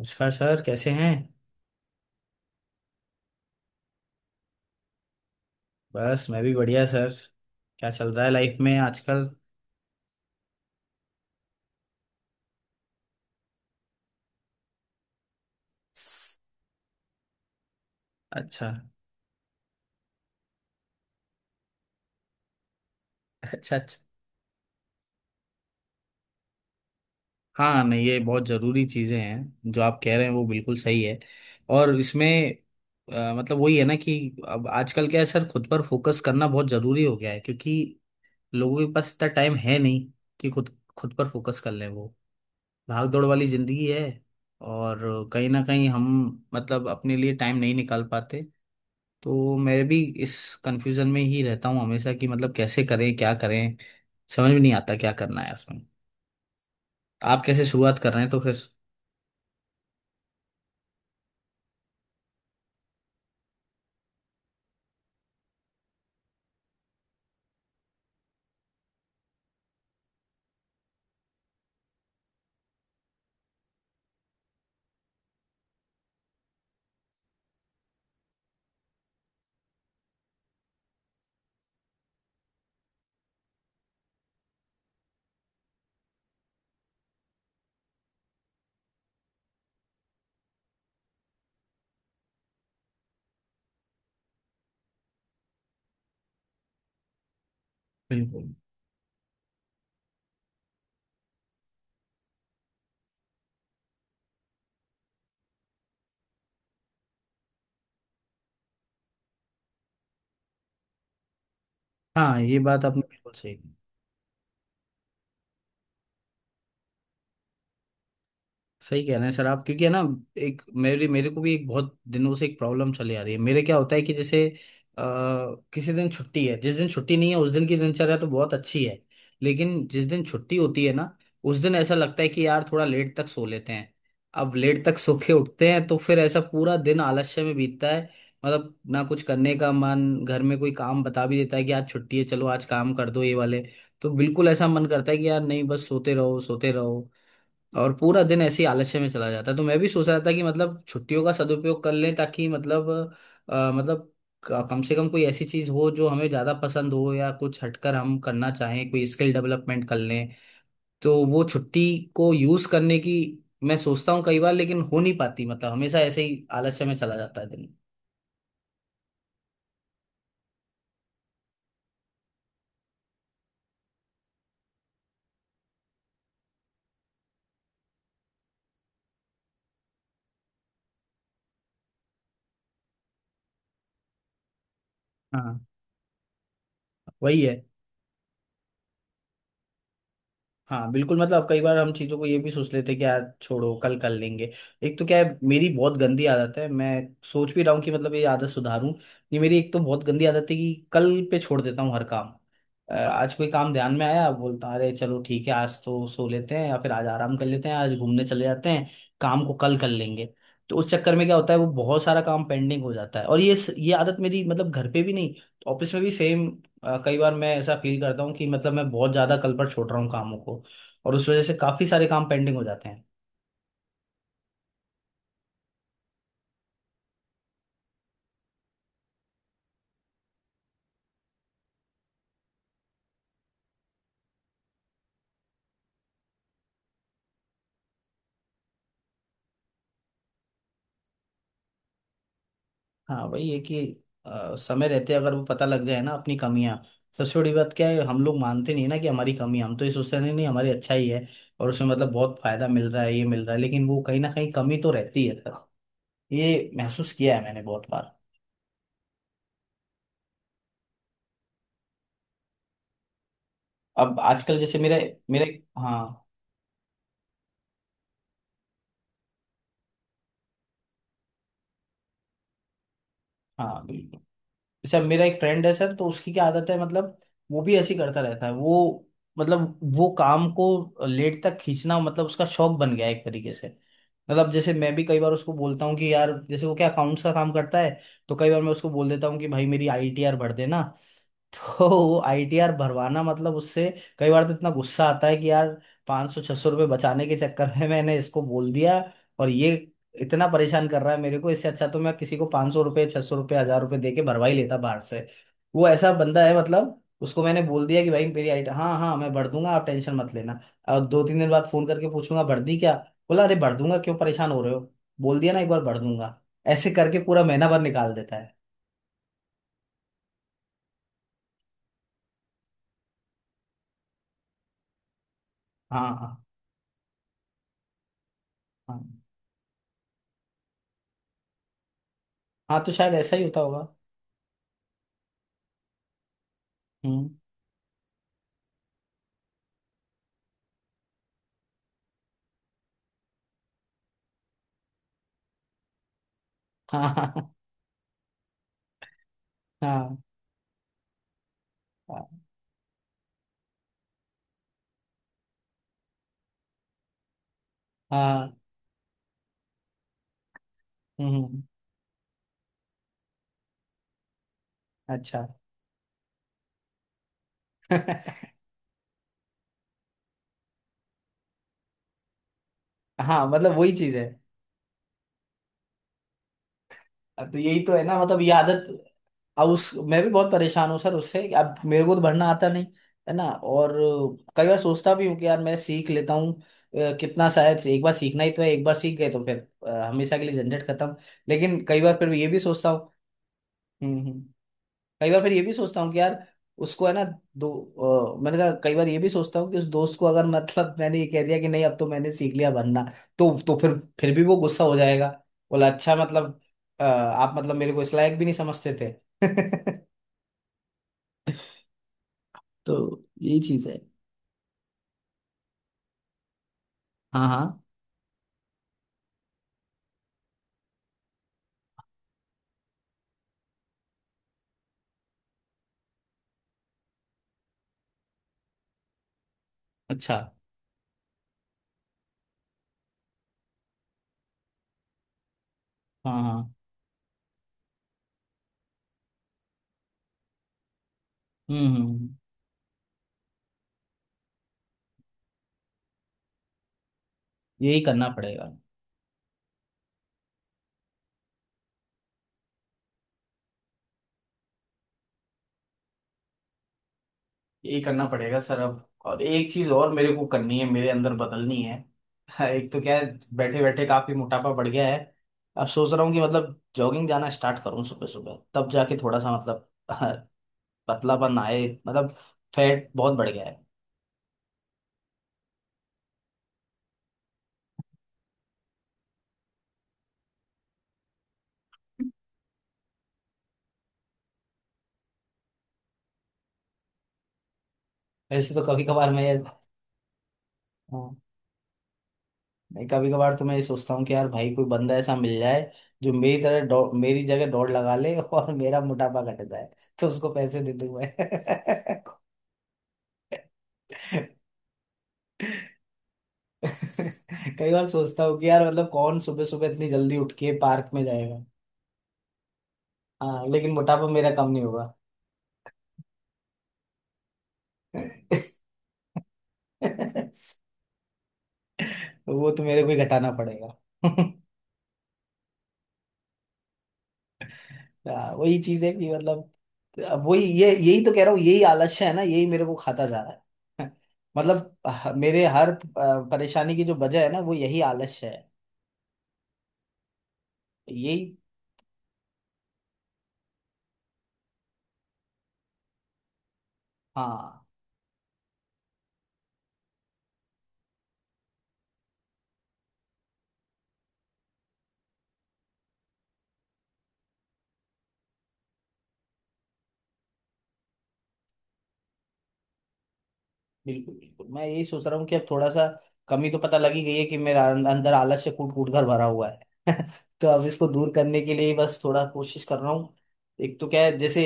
नमस्कार सर, कैसे हैं। बस, मैं भी बढ़िया सर। क्या चल रहा है लाइफ में आजकल? अच्छा, अच्छा, अच्छा। हाँ, नहीं, ये बहुत ज़रूरी चीज़ें हैं जो आप कह रहे हैं, वो बिल्कुल सही है। और इसमें मतलब वही है ना कि अब आजकल क्या है सर, खुद पर फोकस करना बहुत ज़रूरी हो गया है, क्योंकि लोगों के पास इतना टाइम है नहीं कि खुद खुद पर फोकस कर लें। वो भाग दौड़ वाली ज़िंदगी है, और कहीं ना कहीं हम, मतलब अपने लिए टाइम नहीं निकाल पाते। तो मैं भी इस कंफ्यूजन में ही रहता हूँ हमेशा कि मतलब कैसे करें, क्या करें। समझ में नहीं आता क्या करना है उसमें। आप कैसे शुरुआत कर रहे हैं तो फिर? बिल्कुल। हाँ, ये बात आपने बिल्कुल सही। सही कह रहे हैं सर आप, क्योंकि है ना, एक मेरे मेरे को भी एक बहुत दिनों से एक प्रॉब्लम चली आ रही है। मेरे क्या होता है कि जैसे आ, किसी दिन छुट्टी है, जिस दिन छुट्टी नहीं है उस दिन की दिनचर्या तो बहुत अच्छी है। लेकिन जिस दिन छुट्टी होती है ना, उस दिन ऐसा लगता है कि यार, थोड़ा लेट तक सो लेते हैं। अब लेट तक सो के उठते हैं तो फिर ऐसा पूरा दिन आलस्य में बीतता है। मतलब ना कुछ करने का मन, घर में कोई काम बता भी देता है कि आज छुट्टी है, चलो आज काम कर दो ये वाले, तो बिल्कुल ऐसा मन करता है कि यार नहीं, बस सोते रहो, सोते रहो। और पूरा दिन ऐसे ही आलस्य में चला जाता है। तो मैं भी सोच रहा था कि मतलब छुट्टियों का सदुपयोग कर लें ताकि मतलब मतलब कम से कम कोई ऐसी चीज हो जो हमें ज्यादा पसंद हो या कुछ हटकर हम करना चाहें, कोई स्किल डेवलपमेंट कर लें। तो वो छुट्टी को यूज करने की मैं सोचता हूँ कई बार, लेकिन हो नहीं पाती। मतलब हमेशा ऐसे ही आलस्य में चला जाता है दिन। हाँ, वही है। हाँ, बिल्कुल। मतलब कई बार हम चीज़ों को ये भी सोच लेते हैं कि यार छोड़ो, कल कर लेंगे। एक तो क्या है, मेरी बहुत गंदी आदत है, मैं सोच भी रहा हूँ कि मतलब ये आदत सुधारूं। ये मेरी एक तो बहुत गंदी आदत है कि कल पे छोड़ देता हूँ हर काम। आज कोई काम ध्यान में आया, बोलता अरे चलो ठीक है, आज तो सो लेते हैं या फिर आज आराम कर लेते हैं, आज घूमने चले जाते हैं, काम को कल कर लेंगे। तो उस चक्कर में क्या होता है, वो बहुत सारा काम पेंडिंग हो जाता है। और ये आदत मेरी, मतलब घर पे भी नहीं, ऑफिस में भी सेम। कई बार मैं ऐसा फील करता हूँ कि मतलब मैं बहुत ज्यादा कल पर छोड़ रहा हूँ कामों को, और उस वजह से काफी सारे काम पेंडिंग हो जाते हैं। हाँ, वही है कि समय रहते अगर वो पता लग जाए ना अपनी कमियां। सबसे बड़ी बात क्या है, हम लोग मानते नहीं ना कि हमारी कमी है। हम तो ये सोचते हैं, नहीं नहीं, हमारी अच्छा ही है और उसमें मतलब बहुत फायदा मिल रहा है, ये मिल रहा है, लेकिन वो कहीं ना कहीं कमी तो रहती है सर। ये महसूस किया है मैंने बहुत बार। अब आजकल जैसे मेरे मेरे। हाँ, हाँ, बिल्कुल। सर, मेरा एक फ्रेंड है सर, तो उसकी क्या आदत है, मतलब वो भी ऐसी करता रहता है। वो, मतलब वो काम को लेट तक खींचना, मतलब उसका शौक बन गया है एक तरीके से। मतलब जैसे मैं भी कई बार उसको बोलता हूँ कि यार, जैसे वो क्या अकाउंट्स का काम करता है, तो कई बार मैं उसको बोल देता हूँ कि भाई, मेरी आईटीआर भर देना। तो वो आईटीआर भरवाना, मतलब उससे कई बार तो इतना गुस्सा आता है कि यार, 500 सौ छह सौ रुपये बचाने के चक्कर में मैंने इसको बोल दिया, और ये इतना परेशान कर रहा है मेरे को। इससे अच्छा तो मैं किसी को पाँच सौ रुपये, छह सौ रुपये, हजार रुपये दे के भरवा ही लेता बाहर से। वो ऐसा बंदा है, मतलब उसको मैंने बोल दिया कि भाई मेरी आइट, हाँ हाँ मैं भर दूंगा, आप टेंशन मत लेना। और दो तीन दिन बाद फोन करके पूछूंगा, भर दी क्या? बोला, अरे भर दूंगा, क्यों परेशान हो रहे हो, बोल दिया ना एक बार भर दूंगा। ऐसे करके पूरा महीना भर निकाल देता है। हाँ, हाँ। हाँ, हाँ, तो शायद ऐसा ही होता होगा। हम्म। हाँ, हाँ। हाँ, हाँ। हाँ, हम्म। अच्छा। हाँ, मतलब वही चीज है। तो यही तो है ना मतलब, ये आदत। अब उस, मैं भी बहुत परेशान हूँ सर उससे। अब मेरे को तो भरना आता नहीं, है ना, और कई बार सोचता भी हूँ कि यार मैं सीख लेता हूँ। कितना, शायद से एक बार सीखना ही तो है, एक बार सीख गए तो फिर हमेशा के लिए झंझट खत्म। लेकिन कई बार फिर ये भी सोचता हूँ। हम्म, हम्म। कई बार फिर ये भी सोचता हूँ कि यार, उसको है ना दो, मैंने कहा, कई बार ये भी सोचता हूँ कि उस दोस्त को अगर, मतलब मैंने ये कह दिया कि नहीं, अब तो मैंने सीख लिया बनना, तो फिर भी वो गुस्सा हो जाएगा। बोला, अच्छा मतलब आप मतलब मेरे को इस लायक भी नहीं समझते थे। तो यही चीज है। हाँ, हाँ। अच्छा। हाँ, हाँ। हम्म, हम्म। यही करना पड़ेगा। यही करना पड़ेगा सर। अब और एक चीज और मेरे को करनी है, मेरे अंदर बदलनी है। एक तो क्या है, बैठे बैठे काफी मोटापा बढ़ गया है। अब सोच रहा हूँ कि मतलब जॉगिंग जाना स्टार्ट करूँ सुबह सुबह, तब जाके थोड़ा सा मतलब पतलापन आए। मतलब फैट बहुत बढ़ गया है। वैसे तो कभी कभार मैं, हाँ, मैं कभी कभार तो मैं ये सोचता हूँ कि यार भाई, कोई बंदा ऐसा मिल जाए जो मेरी तरह दौड़, मेरी जगह दौड़ लगा ले और मेरा मोटापा घट जाए, तो उसको पैसे दे दूँ मैं। कई बार सोचता हूँ कि यार मतलब कौन सुबह सुबह इतनी जल्दी उठ के पार्क में जाएगा। हाँ, लेकिन मोटापा मेरा कम नहीं होगा। वो तो मेरे को ही घटाना पड़ेगा। हाँ, वही चीज है कि मतलब, अब वही, ये यही तो कह रहा हूँ, यही आलस्य है ना, यही मेरे को खाता जा रहा है। मतलब मेरे हर परेशानी की जो वजह है ना, वो यही आलस्य है। यही हाँ, बिल्कुल बिल्कुल। मैं यही सोच रहा हूँ कि अब थोड़ा सा, कमी तो पता लगी गई है कि मेरा अंदर आलस से कूट कूट कर भरा हुआ है। तो अब इसको दूर करने के लिए ही बस थोड़ा कोशिश कर रहा हूँ। एक तो क्या है जैसे,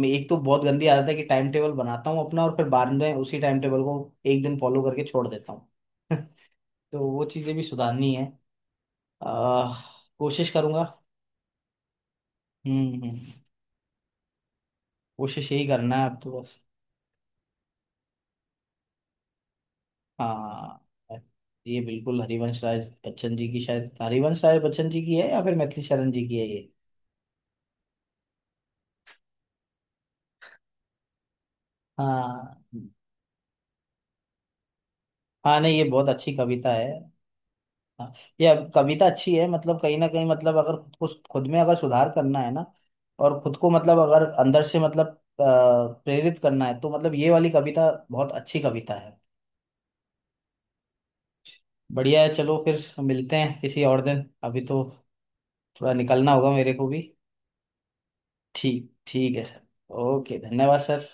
मैं एक तो बहुत गंदी आदत है कि टाइम टेबल बनाता हूँ अपना और फिर बाद में उसी टाइम टेबल को एक दिन फॉलो करके छोड़ देता हूँ। तो वो चीज़ें भी सुधारनी है। आह, कोशिश करूंगा। हम्म, हम्म। कोशिश यही करना है अब तो बस। हाँ, ये बिल्कुल हरिवंश राय बच्चन जी की, शायद हरिवंश राय बच्चन जी की है या फिर मैथिली शरण जी की है ये। हाँ, हाँ, नहीं ये बहुत अच्छी कविता है। हाँ, ये अब कविता अच्छी है, मतलब कहीं ना कहीं मतलब, अगर खुद को, खुद में अगर सुधार करना है ना, और खुद को मतलब अगर अंदर से मतलब प्रेरित करना है, तो मतलब ये वाली कविता बहुत अच्छी कविता है। बढ़िया है, चलो फिर मिलते हैं किसी और दिन, अभी तो थोड़ा निकलना होगा मेरे को भी। ठीक ठीक है सर। ओके, धन्यवाद सर।